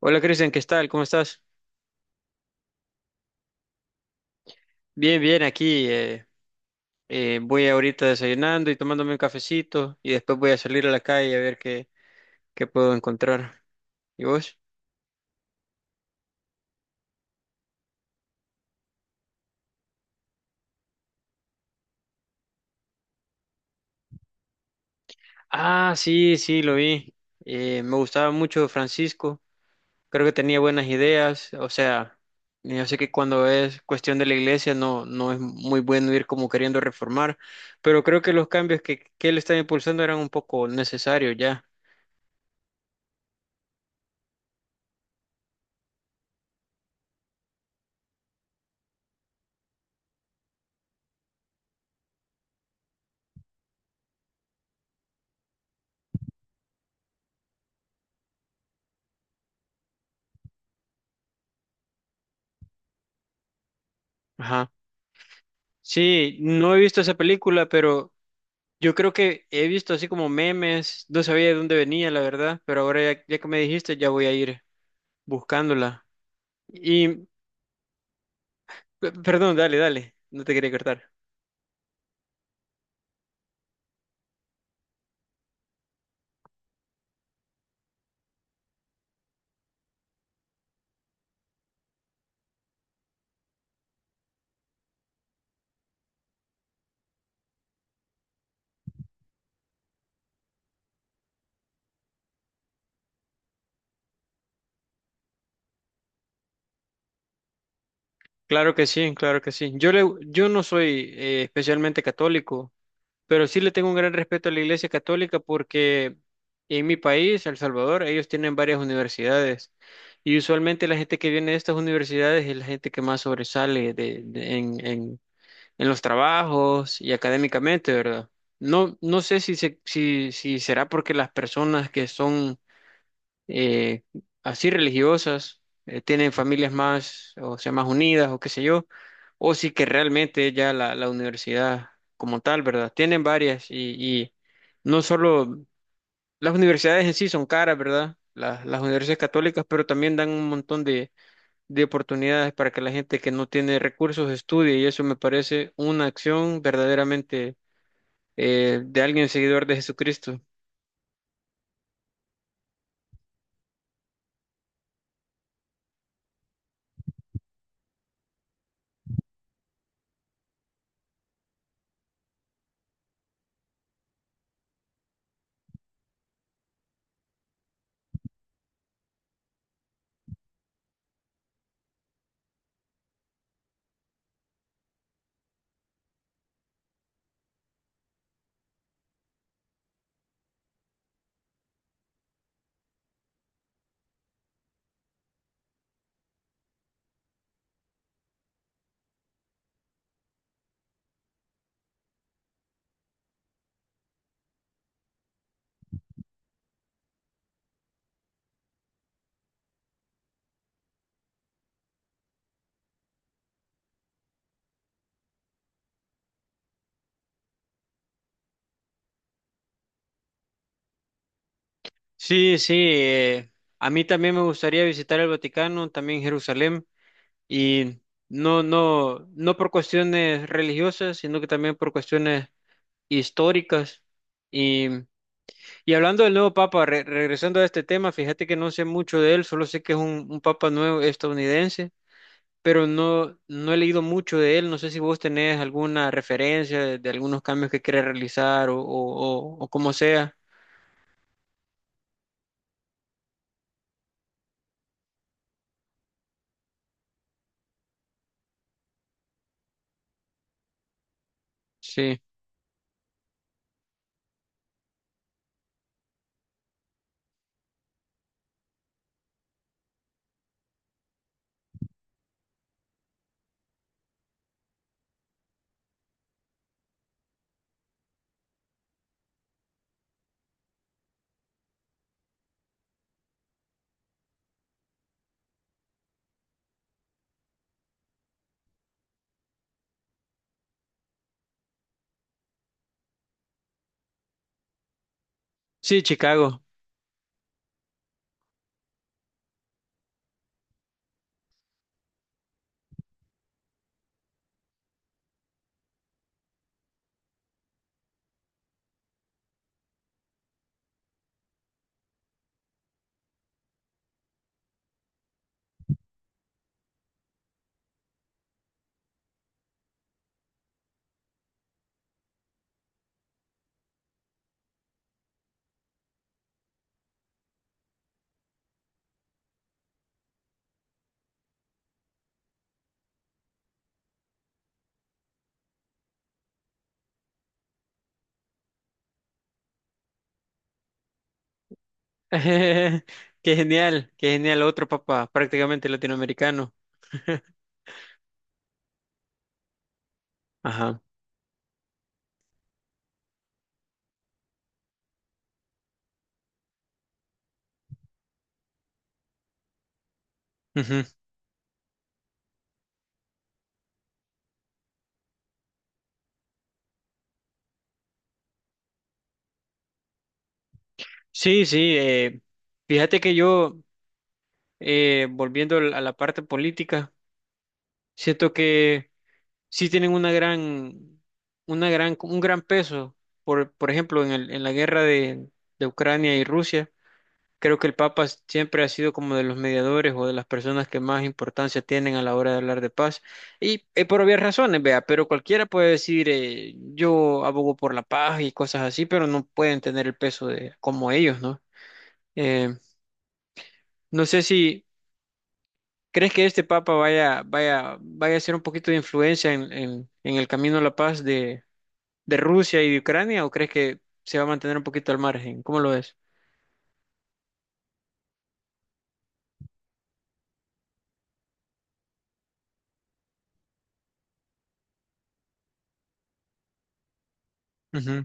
Hola, Cristian, ¿qué tal? ¿Cómo estás? Bien, bien, aquí voy ahorita desayunando y tomándome un cafecito y después voy a salir a la calle a ver qué puedo encontrar. ¿Y vos? Ah, sí, sí, lo vi. Me gustaba mucho Francisco, creo que tenía buenas ideas, o sea, yo sé que cuando es cuestión de la iglesia no es muy bueno ir como queriendo reformar, pero creo que los cambios que él estaba impulsando eran un poco necesarios ya. Ajá. Sí, no he visto esa película, pero yo creo que he visto así como memes, no sabía de dónde venía, la verdad, pero ahora ya que me dijiste, ya voy a ir buscándola. Y, perdón, dale, dale, no te quería cortar. Claro que sí, claro que sí. Yo no soy especialmente católico, pero sí le tengo un gran respeto a la Iglesia Católica porque en mi país, El Salvador, ellos tienen varias universidades y usualmente la gente que viene de estas universidades es la gente que más sobresale en los trabajos y académicamente, ¿verdad? No sé si si será porque las personas que son eh, así religiosas tienen familias más, o sea, más unidas o qué sé yo, o si que realmente ya la universidad como tal, ¿verdad? Tienen varias, y no solo las universidades en sí son caras, ¿verdad? Las universidades católicas, pero también dan un montón de oportunidades para que la gente que no tiene recursos estudie, y eso me parece una acción verdaderamente, de alguien seguidor de Jesucristo. Sí, sí, a mí también me gustaría visitar el Vaticano, también Jerusalén, y no por cuestiones religiosas, sino que también por cuestiones históricas. Y, y hablando del nuevo Papa, regresando a este tema, fíjate que no sé mucho de él, solo sé que es un Papa nuevo estadounidense, pero no he leído mucho de él. No sé si vos tenés alguna referencia de algunos cambios que quiere realizar, o como sea. Sí, sí, Chicago. Qué genial, qué genial. Otro papá, prácticamente latinoamericano. Ajá. Ujú. Sí, sí. Fíjate que volviendo a la parte política, siento que sí tienen una gran, un gran peso. Por ejemplo, en en la guerra de Ucrania y Rusia. Creo que el Papa siempre ha sido como de los mediadores o de las personas que más importancia tienen a la hora de hablar de paz. Y por obvias razones, vea, pero cualquiera puede decir, yo abogo por la paz y cosas así, pero no pueden tener el peso de como ellos, ¿no? Eh, no sé si crees que este Papa vaya a ser un poquito de influencia en el camino a la paz de Rusia y de Ucrania, o crees que se va a mantener un poquito al margen. ¿Cómo lo ves? Ujú.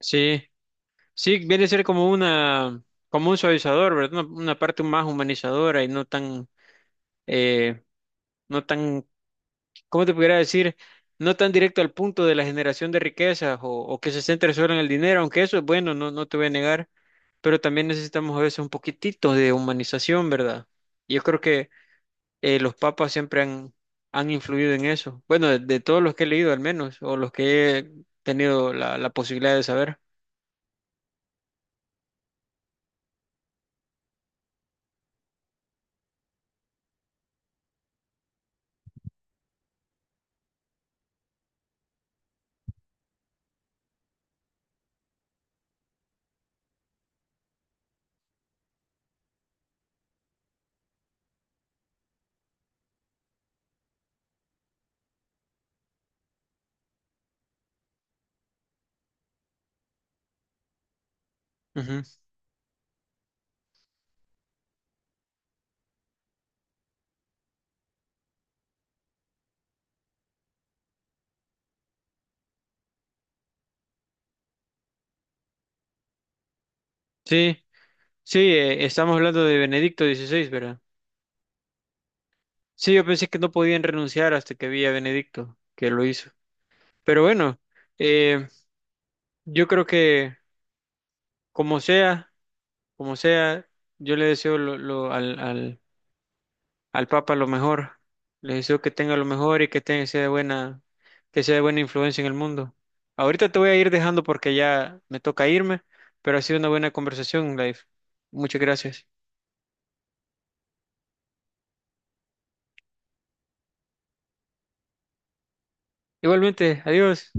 Sí. Sí, viene a ser como como un suavizador, ¿verdad? Una parte más humanizadora y no eh, no tan, ¿cómo te pudiera decir? No tan directo al punto de la generación de riquezas, o que se centre solo en el dinero, aunque eso es bueno, no te voy a negar, pero también necesitamos a veces un poquitito de humanización, ¿verdad? Y yo creo que los papas siempre han influido en eso. Bueno, de todos los que he leído al menos, o los que he tenido la posibilidad de saber. Ujú. Sí. Sí, estamos hablando de Benedicto XVI, ¿verdad? Sí, yo pensé que no podían renunciar hasta que vi a Benedicto, que lo hizo. Pero bueno, eh, yo creo que como sea, como sea, yo le deseo al Papa lo mejor. Le deseo que tenga lo mejor y que tenga, sea de que sea de buena influencia en el mundo. Ahorita te voy a ir dejando porque ya me toca irme, pero ha sido una buena conversación, Life. Muchas gracias. Igualmente, adiós.